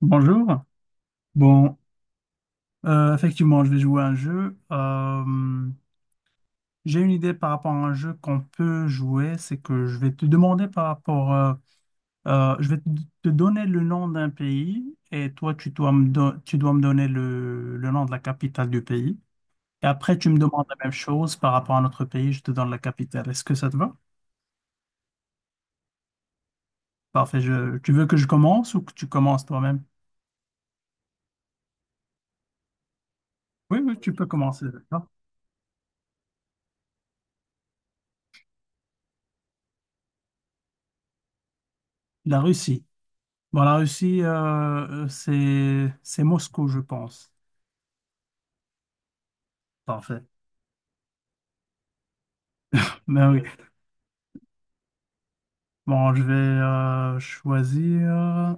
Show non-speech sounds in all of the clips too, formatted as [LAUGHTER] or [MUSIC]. Bonjour. Bon, effectivement, je vais jouer à un jeu. J'ai une idée par rapport à un jeu qu'on peut jouer. C'est que je vais te demander par rapport, je vais te donner le nom d'un pays et toi, tu dois tu dois me donner le nom de la capitale du pays. Et après, tu me demandes la même chose par rapport à notre pays. Je te donne la capitale. Est-ce que ça te va? Parfait. Tu veux que je commence ou que tu commences toi-même? Oui, oui, tu peux commencer. D'accord. La Russie. Bon, la Russie, c'est Moscou, je pense. Parfait. Mais oui. Bon, je vais choisir,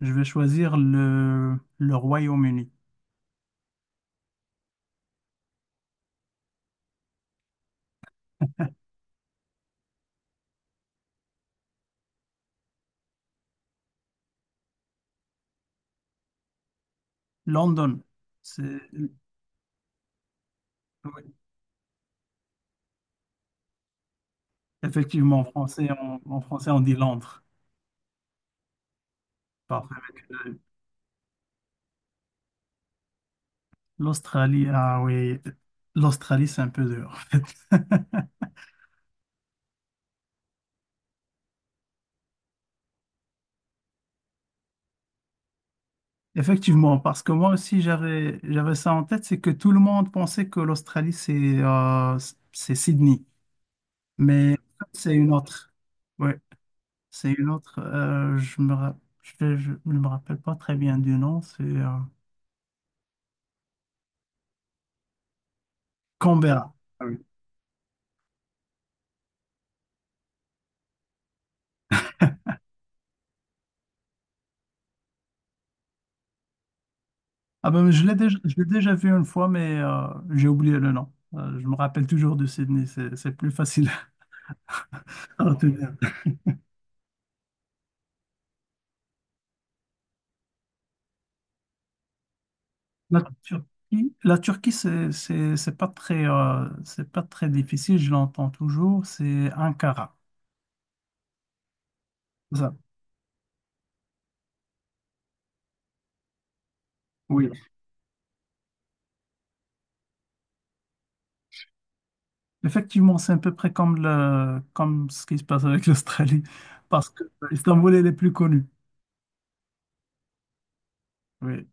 je vais choisir le Royaume-Uni. London. C'est Oui. Effectivement, en français, en français, on dit Londres. Parfait. Avec, euh, l'Australie, ah oui, l'Australie, c'est un peu dur, en fait. [LAUGHS] Effectivement, parce que moi aussi j'avais ça en tête, c'est que tout le monde pensait que l'Australie c'est Sydney. Mais en fait, c'est une autre. Ouais, c'est une autre. Je ne me rappelle pas très bien du nom. C'est Canberra. Ah oui. Ah ben, je l'ai déjà vu une fois, mais j'ai oublié le nom. Je me rappelle toujours de Sydney. C'est plus facile [LAUGHS] à retenir. La Turquie, c'est pas très difficile. Je l'entends toujours. C'est Ankara. C'est ça. Effectivement, c'est à peu près comme, comme ce qui se passe avec l'Australie, parce que Istanbul, elle est plus connue. Oui.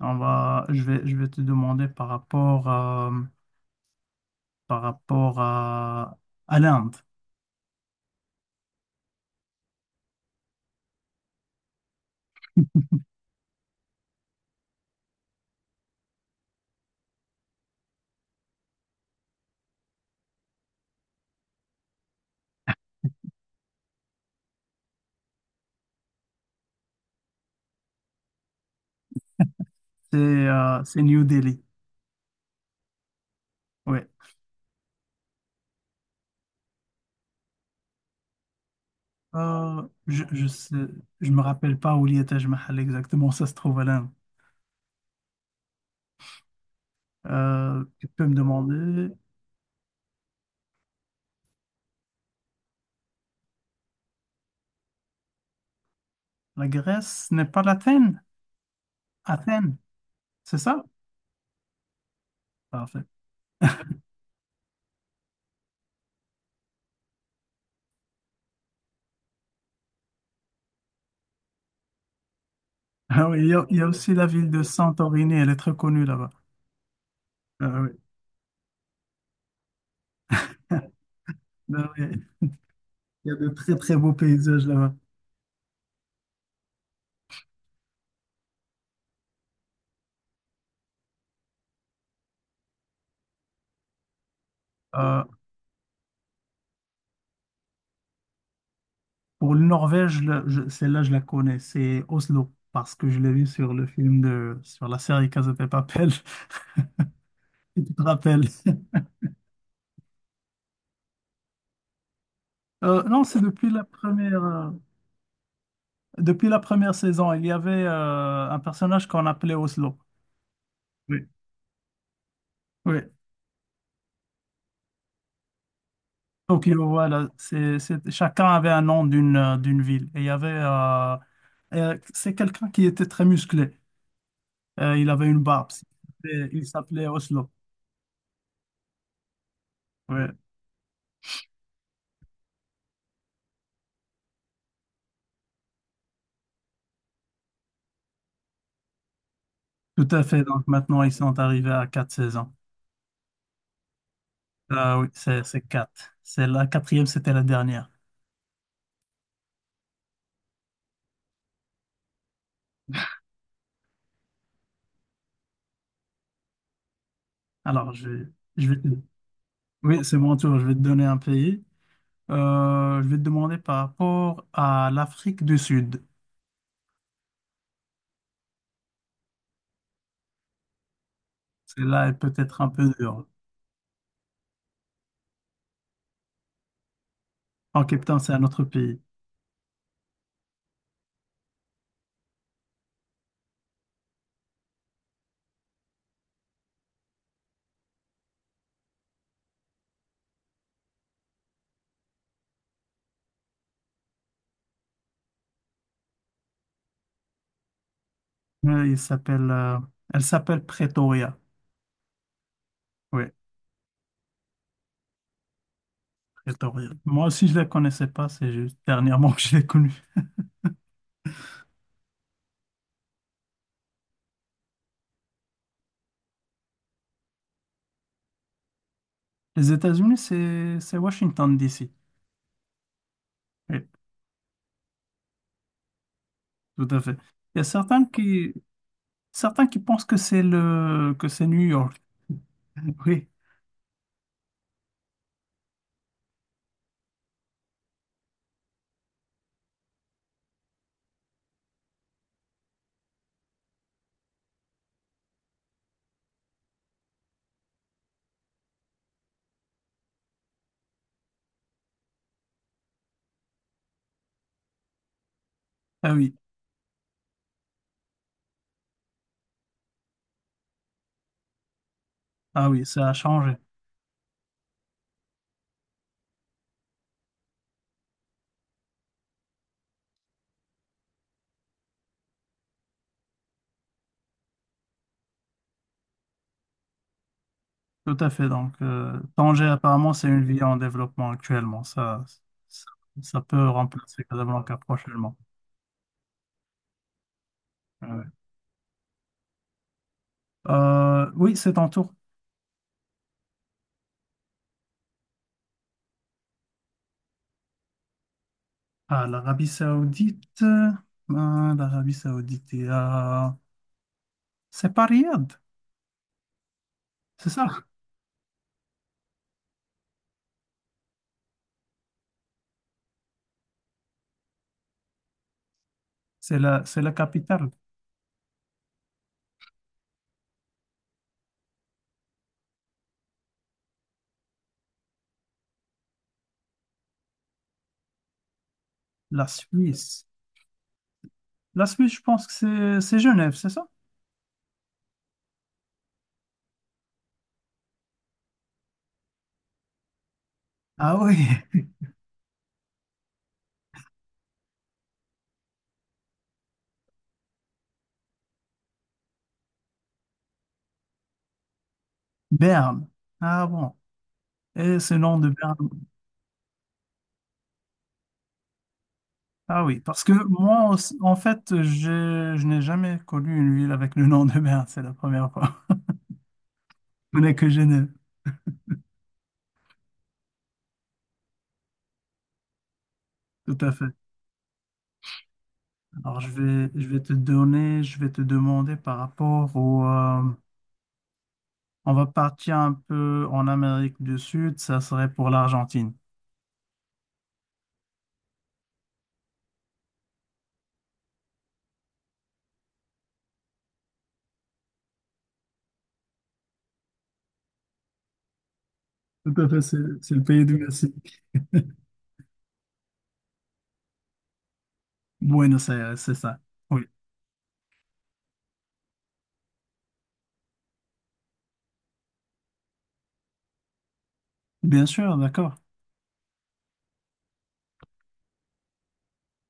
On va, je vais te demander par rapport à, par rapport à, à l'Inde. C'est New Delhi. Oui. Euh, je sais, je me rappelle pas où il y a Taj Mahal exactement, ça se trouve à l'Inde. Tu peux me demander, la Grèce n'est pas l'Athènes? Athènes, c'est ça? Parfait. Ah oui, il y a aussi la ville de Santorini, elle est très connue là-bas. Ah oui. Non, mais il y a de très très beaux paysages là-bas. Euh, pour le Norvège, là, celle-là, je la connais, c'est Oslo, parce que je l'ai vu sur le film de, sur la série Casa de Papel, [LAUGHS] si tu te rappelles. [LAUGHS] Non, c'est depuis la première saison, il y avait un personnage qu'on appelait Oslo. Oui. Oui. Tokyo, voilà. Chacun avait un nom d'une d'une ville. Et il y avait, c'est quelqu'un qui était très musclé. Il avait une barbe. Il s'appelait Oslo. Oui, tout à fait. Donc maintenant, ils sont arrivés à quatre saisons. Ah oui, c'est quatre. C'est la quatrième, c'était la dernière. Alors, je vais, te- oui, c'est mon tour. Je vais te donner un pays. Je vais te demander par rapport à l'Afrique du Sud. Celle-là est peut-être un peu dure. En Cape Town, c'est un autre pays. Oui, il s'appelle, elle s'appelle Pretoria. Oui, Pretoria. Moi aussi, je ne la connaissais pas. C'est juste dernièrement [LAUGHS] que je l'ai connue. Les États-Unis, c'est Washington, D.C. Oui. Tout à fait. Il y a certains qui pensent que que c'est New York. [LAUGHS] Oui, ah oui, ah oui, ça a changé. Tout à fait. Donc, Tanger, apparemment, c'est une ville en développement actuellement. Ça, ça peut remplacer Casablanca prochainement. Ouais, ouais. Oui, c'est en tour. Ah, l'Arabie Saoudite. l'Arabie Saoudite est à- C'est pas Riyad, c'est ça. C'est la capitale, la Suisse. La Suisse, je pense que c'est Genève, c'est ça? Ah oui, [LAUGHS] Berne. Ah bon. Et ce nom de Berne. Ah oui, parce que en fait, je n'ai jamais connu une ville avec le nom de Berne. C'est la première fois. [LAUGHS] Je connais que Genève. Tout à fait. Alors, je vais te donner, je vais te demander par rapport au... on va partir un peu en Amérique du Sud. Ça serait pour l'Argentine. Tout à fait, c'est le pays du Mexique. [LAUGHS] Buenos Aires, c'est ça. Oui. Bien sûr, d'accord.